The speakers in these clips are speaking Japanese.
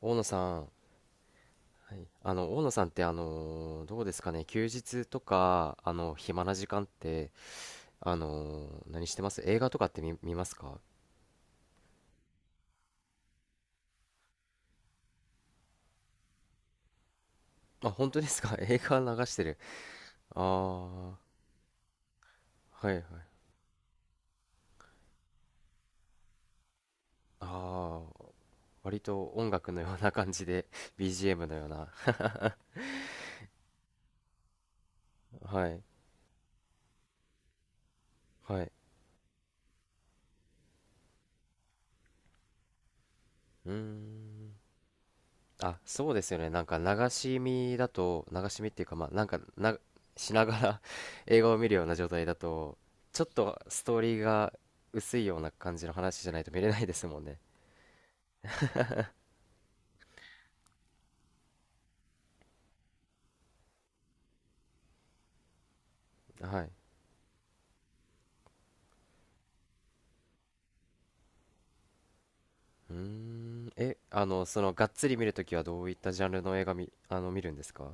大野さん、はい、大野さんって、どうですかね。休日とか、暇な時間って、何してます？映画とかって見ますか？あ、本当ですか？ 映画流してる。ああ、はいはい。ああ、割と音楽のような感じで、BGM のような。はい、はい。うーん。あ、そうですよね。なんか流し見だと、流し見っていうか、まあ、なんかな、しながら 映画を見るような状態だと、ちょっとストーリーが薄いような感じの話じゃないと見れないですもんね。はい。うーん。え、がっつり見るときはどういったジャンルの映画見、あの、見るんですか？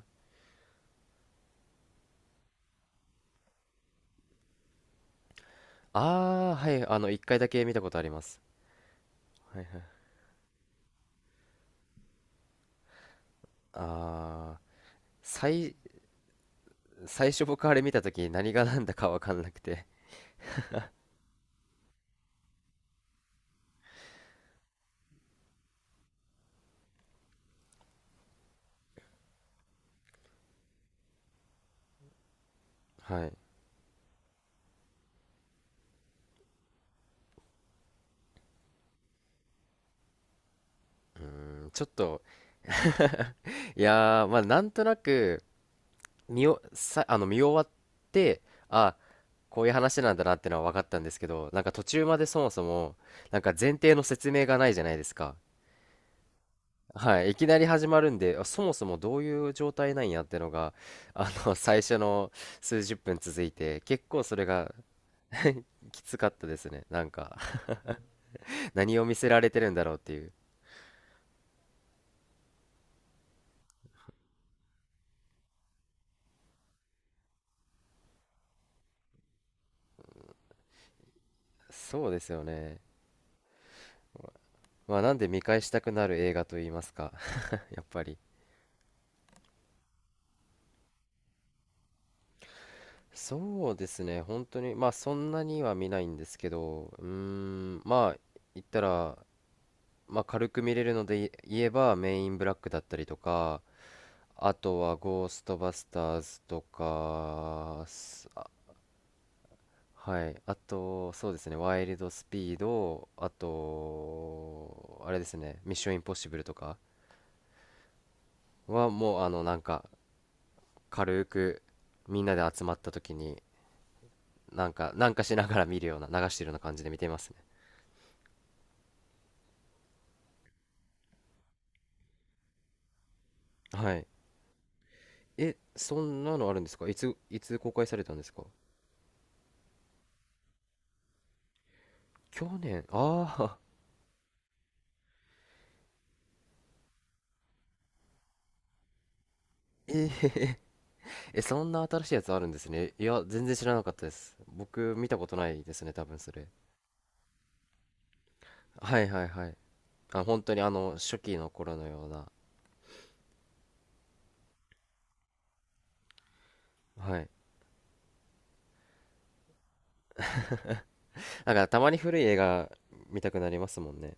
ああー、はい。あの、一回だけ見たことあります。はいはい。ああ、最、最初僕あれ見たとき何が何だかわかんなくて。はい。うん、ちょっと、いやー、まあ、なんとなく、見お、さ、あの、見終わって、あ、こういう話なんだなってのは分かったんですけど、なんか途中までそもそも、なんか前提の説明がないじゃないですか。はい、いきなり始まるんで、あそもそもどういう状態なんやってのが、あの、最初の数十分続いて、結構それがきつかったですね。なんか 何を見せられてるんだろうっていう。そうですよね。まあ、なんで見返したくなる映画と言いますか、やっぱり。そうですね、本当に、まあそんなには見ないんですけど、うーん、まあ言ったら、まあ軽く見れるので言えば、メインブラックだったりとか、あとはゴーストバスターズとか、すあはい、あと、そうですね、ワイルドスピード、あと、あれですね、ミッションインポッシブルとかはもう、あの、なんか、軽くみんなで集まった時に、なんか、なんかしながら見るような、流してるような感じで見てますね。はい。え、そんなのあるんですか？いつ公開されたんですか？去年ああ？えええ、そんな新しいやつあるんですね。いや、全然知らなかったです。僕、見たことないですね、多分それ。はいはいはい。あ、本当にあの、初期の頃のような。はい。だからたまに古い映画見たくなりますもんね。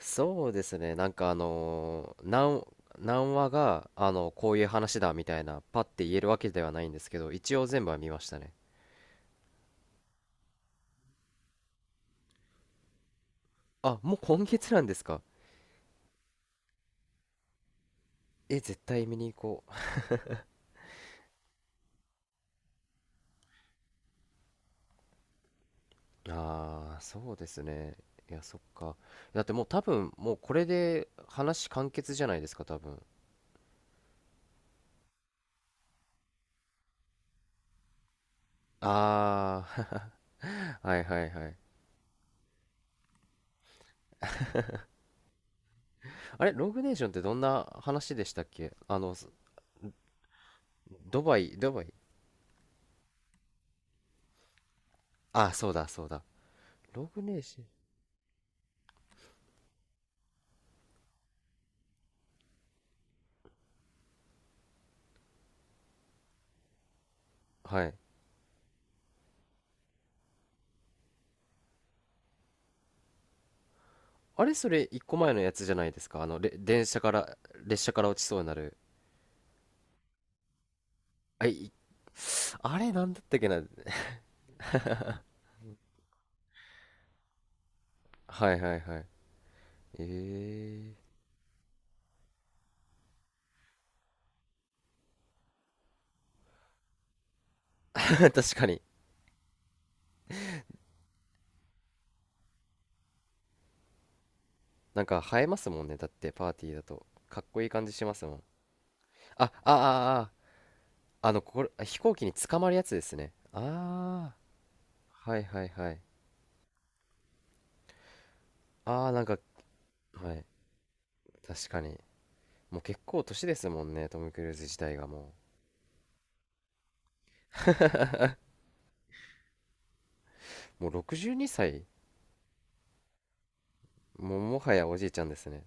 そうですね。なんかあのー、何話が、あの、こういう話だみたいな、パッて言えるわけではないんですけど、一応全部は見ましたね。あ、もう今月なんですか？え、絶対見に行こう。ああ、そうですね。いや、そっか。だってもう多分、もうこれで話完結じゃないですか、多分。ああ、はいはいはい。あれ、ロングネーションってどんな話でしたっけ？あの、すドバイ。あ、そうだそうだ。ロングネーション。はい。あれ、それ一個前のやつじゃないですか。あの、れ、電車から、列車から落ちそうになる。あ、い、あれ、なんだったっけな。はいはいはい。ええー。確かに。なんか映えますもんね。だってパーティーだと。かっこいい感じしますもん。あ、あ、あ、あ、ああの、これ、あ飛行機に捕まるやつですね。ああ、はいはいはい。ああ、なんか、はい。確かに。もう結構年ですもんね。トム・クルーズ自体がもう。もう62歳。もうもはやおじいちゃんですね。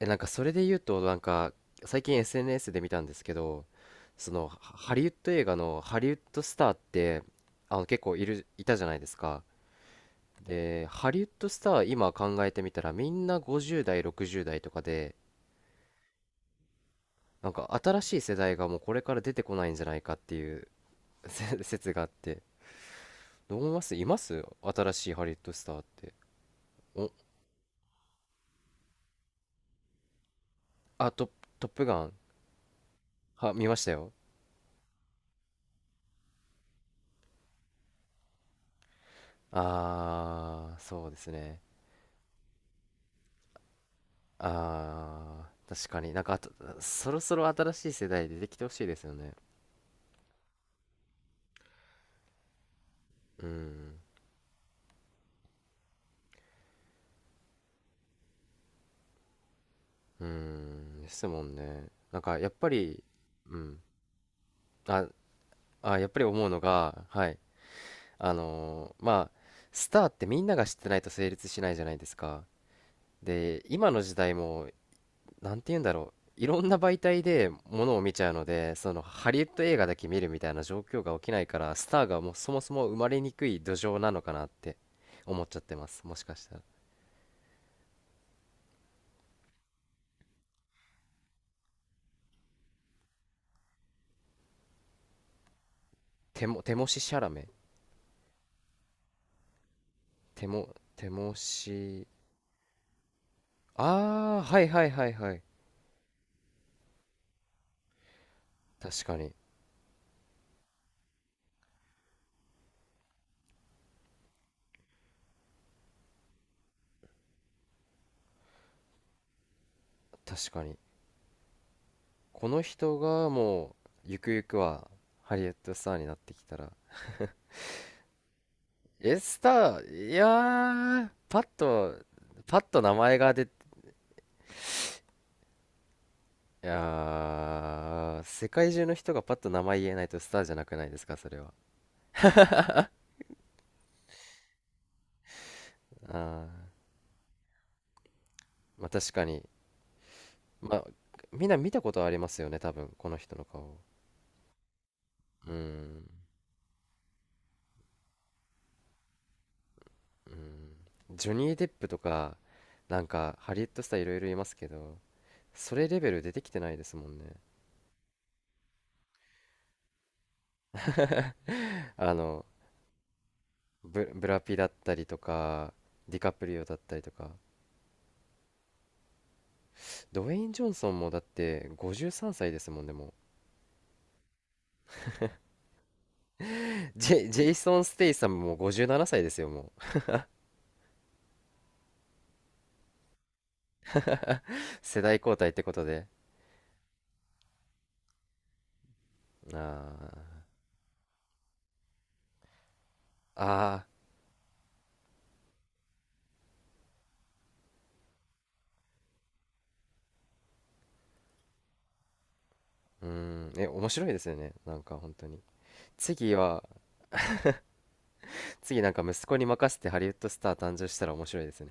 え、なんかそれで言うと、なんか、最近 SNS で見たんですけど、そのハリウッド映画のハリウッドスターってあの結構いたじゃないですか。で、ハリウッドスター今考えてみたらみんな50代、60代とかで、なんか新しい世代がもうこれから出てこないんじゃないかっていう 説があって、どう思いますいます新しいハリウッドスターって？お、トップガンは、見ましたよ。あー、そうですね。あー、確かになんかあと、そろそろ新しい世代出てきてほしいですよね。うん、うん、ですもんね。なんかやっぱり、うん。あ、やっぱり思うのが、はい。あのーまあ、スターってみんなが知ってないと成立しないじゃないですか。で、今の時代も、なんて言うんだろう。いろんな媒体でものを見ちゃうので、そのハリウッド映画だけ見るみたいな状況が起きないから、スターがもうそもそも生まれにくい土壌なのかなって思っちゃってます。もしかしたら。テモ、テモシシャラメ。テモ、テモシ、あー、はいはいはいはい。確かに、確かに。この人がもうゆくゆくはハリウッドスターになってきたら、えスター、いやーパッと、パッと名前が出て、いやー世界中の人がパッと名前言えないとスターじゃなくないですかそれは。あーまあ確かに、まあみんな見たことありますよね多分この人の顔。うーん。うーん。ジョニー・デップとか、なんかハリウッドスターいろいろいますけど、それレベル出てきてないですもんね。 あのブラピだったりとか、ディカプリオだったりとか、ドウェイン・ジョンソンもだって53歳ですもんね、もう。ジェイソン・ステイサムも57歳ですよ、もう。世代交代ってことで。ああ、ああ、うーん、え、面白いですよね、なんか本当に。次は、次なんか息子に任せてハリウッドスター誕生したら面白いですね。